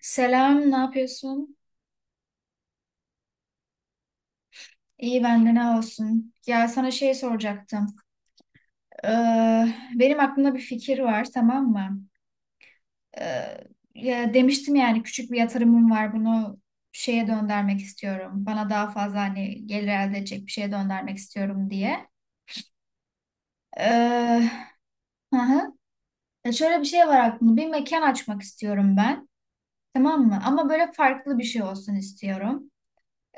Selam, ne yapıyorsun? İyi ben de ne olsun. Ya sana şey soracaktım. Ee, benim aklımda bir fikir var, tamam mı? Ee, ya demiştim yani küçük bir yatırımım var, bunu şeye döndürmek istiyorum. Bana daha fazla hani gelir elde edecek bir şeye döndürmek istiyorum diye. Ee, hı hı. Ya şöyle bir şey var aklımda. Bir mekan açmak istiyorum ben, tamam mı? Ama böyle farklı bir şey olsun istiyorum.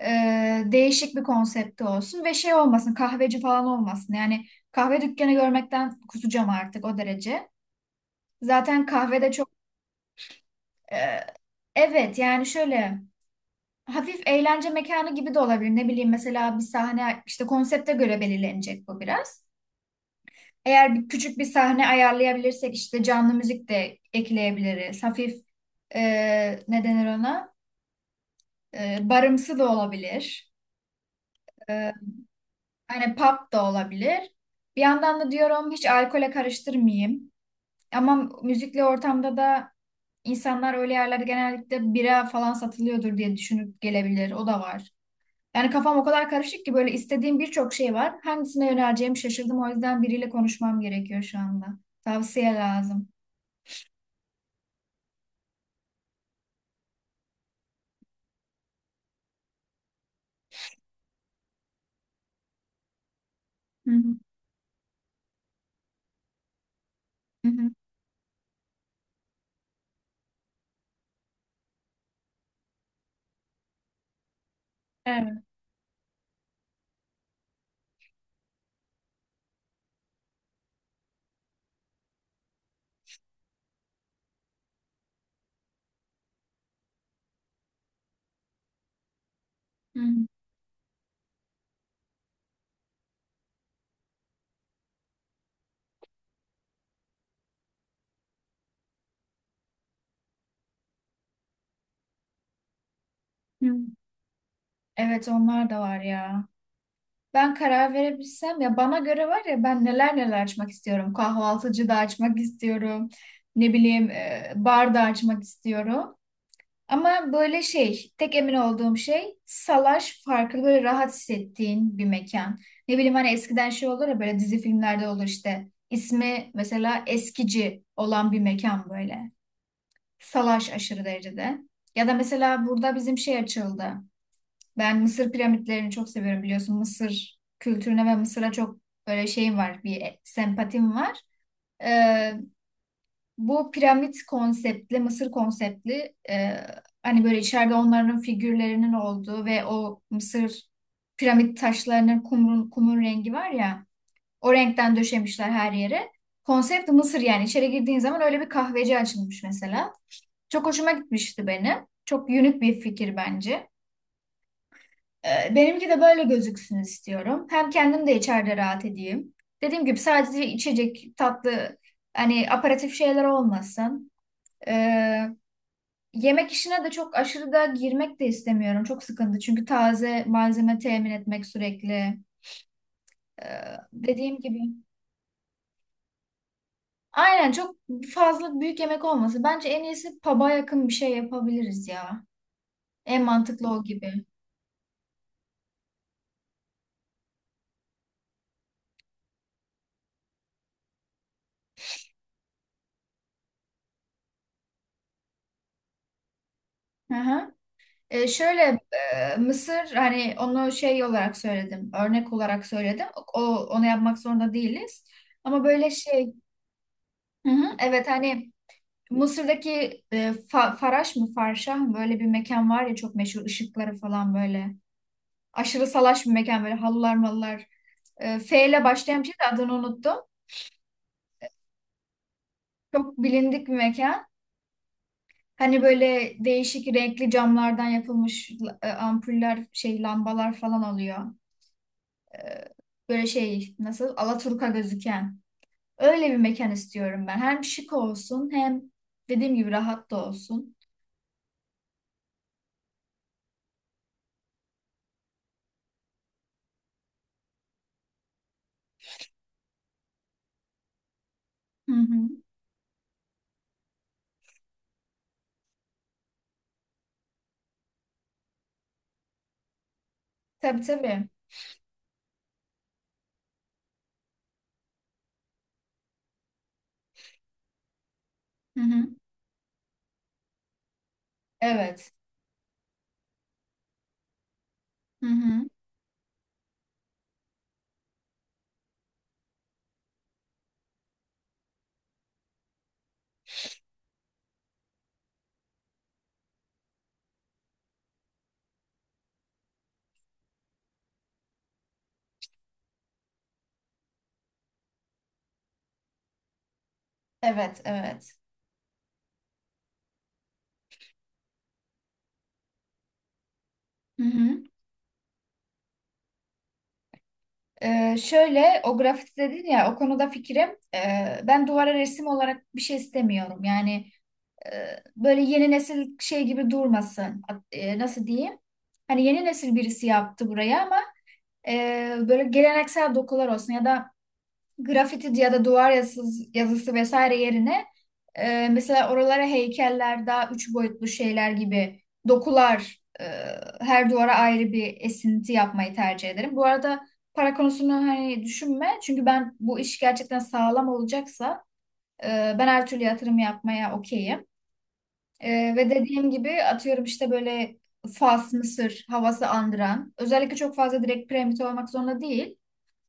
Değişik bir konsepti olsun ve şey olmasın, kahveci falan olmasın. Yani kahve dükkanı görmekten kusacağım artık o derece. Zaten kahvede çok e, evet yani şöyle hafif eğlence mekanı gibi de olabilir. Ne bileyim mesela bir sahne, işte konsepte göre belirlenecek bu biraz. Eğer bir küçük bir sahne ayarlayabilirsek işte canlı müzik de ekleyebiliriz. Hafif e, ne denir ona? Barımsı da olabilir. Hani pop da olabilir. Bir yandan da diyorum hiç alkole karıştırmayayım. Ama müzikli ortamda da insanlar öyle yerlerde genellikle bira falan satılıyordur diye düşünüp gelebilir. O da var. Yani kafam o kadar karışık ki böyle istediğim birçok şey var. Hangisine yöneleceğimi şaşırdım. O yüzden biriyle konuşmam gerekiyor şu anda. Tavsiye lazım. Hı hı. Hı hı. Evet. Hı hı. Hı. Evet, onlar da var ya. Ben karar verebilsem ya, bana göre var ya ben neler neler açmak istiyorum. Kahvaltıcı da açmak istiyorum. Ne bileyim bar da açmak istiyorum. Ama böyle şey, tek emin olduğum şey salaş farklı böyle rahat hissettiğin bir mekan. Ne bileyim hani eskiden şey olur ya böyle dizi filmlerde olur işte. İsmi mesela eskici olan bir mekan böyle. Salaş aşırı derecede. Ya da mesela burada bizim şey açıldı. Ben Mısır piramitlerini çok seviyorum biliyorsun. Mısır kültürüne ve Mısır'a çok böyle şeyim var, bir sempatim var. Ee, bu piramit konseptli, Mısır konseptli, hani böyle içeride onların figürlerinin olduğu ve o Mısır piramit taşlarının, kumun, kumun rengi var ya, o renkten döşemişler her yere. Konsept Mısır, yani içeri girdiğin zaman öyle bir kahveci açılmış mesela. Çok hoşuma gitmişti benim. Çok unik bir fikir bence. Benimki de böyle gözüksün istiyorum. Hem kendim de içeride rahat edeyim. Dediğim gibi sadece içecek, tatlı, hani aperatif şeyler olmasın. Ee, yemek işine de çok aşırı da girmek de istemiyorum. Çok sıkıntı. Çünkü taze malzeme temin etmek sürekli. Dediğim gibi. Aynen, çok fazla büyük yemek olması. Bence en iyisi pub'a yakın bir şey yapabiliriz ya. En mantıklı o gibi. Hı hı. Şöyle Mısır, hani onu şey olarak söyledim, örnek olarak söyledim. Ok, onu yapmak zorunda değiliz. Ama böyle şey, hı hı, evet hani Mısır'daki Faraş mı, Farşah mı, böyle bir mekan var ya, çok meşhur ışıkları falan böyle. Aşırı salaş bir mekan, böyle halılar mallar. F ile başlayan bir şey de adını unuttum. Çok bilindik bir mekan. Hani böyle değişik renkli camlardan yapılmış ampuller, şey, lambalar falan oluyor. Böyle şey nasıl, Alaturka gözüken. Öyle bir mekan istiyorum ben. Hem şık olsun hem dediğim gibi rahat da olsun. Hı hı. Tabii tabii. Hı hı. Evet. Hı hı. Evet, evet. Hı hı. Şöyle, o grafiti dedin ya, o konuda fikrim, ben duvara resim olarak bir şey istemiyorum. Yani böyle yeni nesil şey gibi durmasın. Nasıl diyeyim? Hani yeni nesil birisi yaptı buraya ama böyle geleneksel dokular olsun, ya da grafiti ya da duvar yazısı, yazısı vesaire yerine mesela oralara heykeller, daha üç boyutlu şeyler gibi dokular, her duvara ayrı bir esinti yapmayı tercih ederim. Bu arada para konusunu hani düşünme. Çünkü ben bu iş gerçekten sağlam olacaksa, e, ben her türlü yatırım yapmaya okeyim. Ve dediğim gibi atıyorum işte böyle Fas, Mısır havası andıran. Özellikle çok fazla direkt piramit olmak zorunda değil.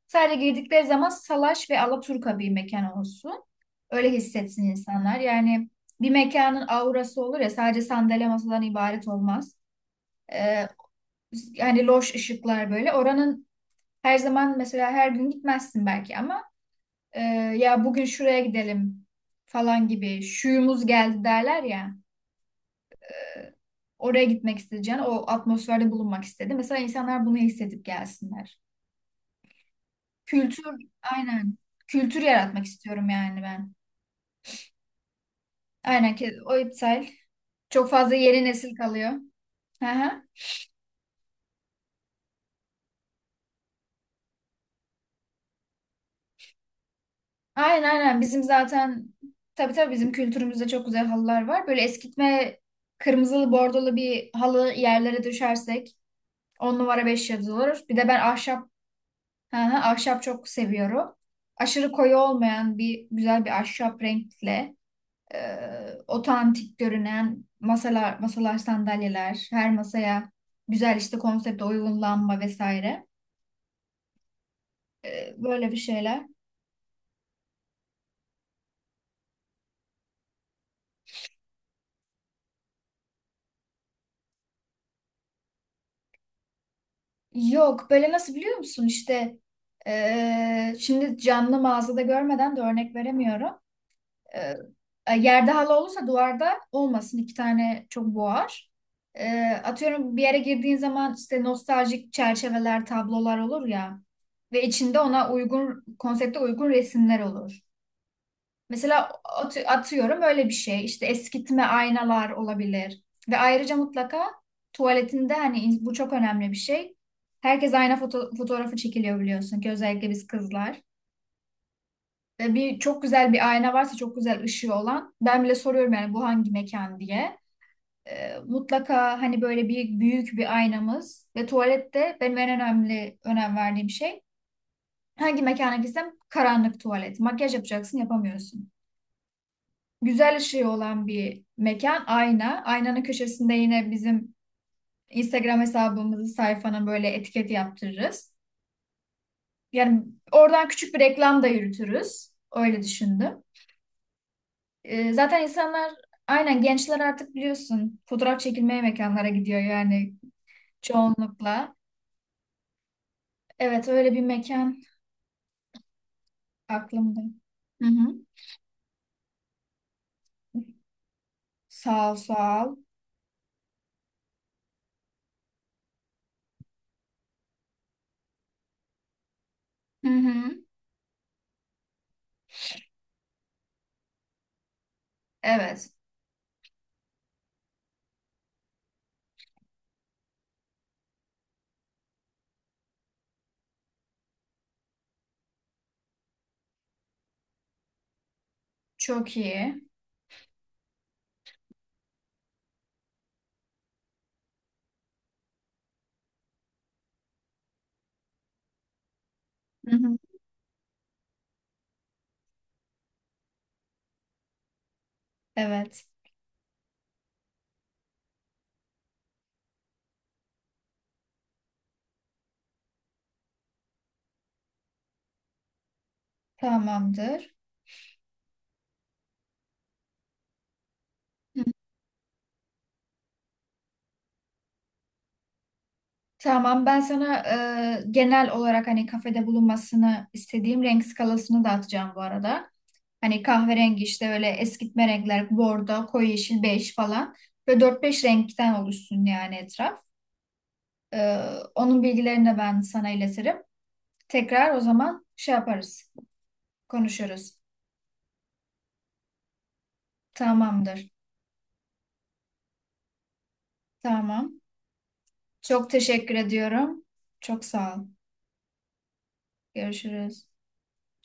Sadece girdikleri zaman salaş ve alaturka bir mekan olsun. Öyle hissetsin insanlar. Yani bir mekanın aurası olur ya, sadece sandalye masadan ibaret olmaz. Ee, yani loş ışıklar böyle. Oranın her zaman, mesela her gün gitmezsin belki, ama e, ya bugün şuraya gidelim falan gibi şuyumuz geldi derler ya. Oraya gitmek isteyeceğin, o atmosferde bulunmak istedi. Mesela insanlar bunu hissedip gelsinler. Kültür, aynen. Kültür yaratmak istiyorum yani ben. Aynen ki, o iptal. Çok fazla yeni nesil kalıyor. Hı hı. Aynen aynen, bizim zaten, tabii tabii bizim kültürümüzde çok güzel halılar var. Böyle eskitme kırmızılı bordolu bir halı yerlere düşersek 10 numara 5 yıldız olur. Bir de ben ahşap, hı hı, ahşap çok seviyorum. Aşırı koyu olmayan bir güzel bir ahşap renkle e, otantik görünen masalar, sandalyeler, her masaya güzel işte konsepte uygun lamba vesaire. Böyle bir şeyler. Yok böyle nasıl biliyor musun işte şimdi canlı mağazada görmeden de örnek veremiyorum. Eee, yerde halı olursa duvarda olmasın, iki tane çok boğar. Atıyorum bir yere girdiğin zaman işte nostaljik çerçeveler tablolar olur ya, ve içinde ona uygun, konsepte uygun resimler olur. Mesela atıyorum öyle bir şey. İşte eskitme aynalar olabilir. Ve ayrıca mutlaka tuvaletinde, hani bu çok önemli bir şey. Herkes ayna fotoğrafı çekiliyor biliyorsun ki, özellikle biz kızlar. Ve bir, çok güzel bir ayna varsa, çok güzel ışığı olan. Ben bile soruyorum yani bu hangi mekan diye. Mutlaka hani böyle bir büyük bir aynamız, ve tuvalette benim en önemli önem verdiğim şey. Hangi mekana gitsem karanlık tuvalet. Makyaj yapacaksın yapamıyorsun. Güzel ışığı olan bir mekan, ayna. Aynanın köşesinde yine bizim Instagram hesabımızı, sayfanın, böyle etiket yaptırırız. Yani oradan küçük bir reklam da yürütürüz. Öyle düşündüm. Zaten insanlar, aynen, gençler artık biliyorsun fotoğraf çekilmeye mekanlara gidiyor yani çoğunlukla. Evet, öyle bir mekan aklımda. Hı hı. Sağ ol, sağ ol. Hı hı. Evet. Çok iyi. Hı hı. Evet. Tamamdır. Hı. Tamam, ben sana genel olarak hani kafede bulunmasını istediğim renk skalasını da atacağım bu arada. Hani kahverengi, işte öyle eskitme renkler, bordo, koyu yeşil, bej falan. Ve dört beş renkten oluşsun yani etraf. E, onun bilgilerini de ben sana iletirim. Tekrar o zaman şey yaparız, konuşuruz. Tamamdır, tamam. Çok teşekkür ediyorum. Çok sağ ol. Görüşürüz.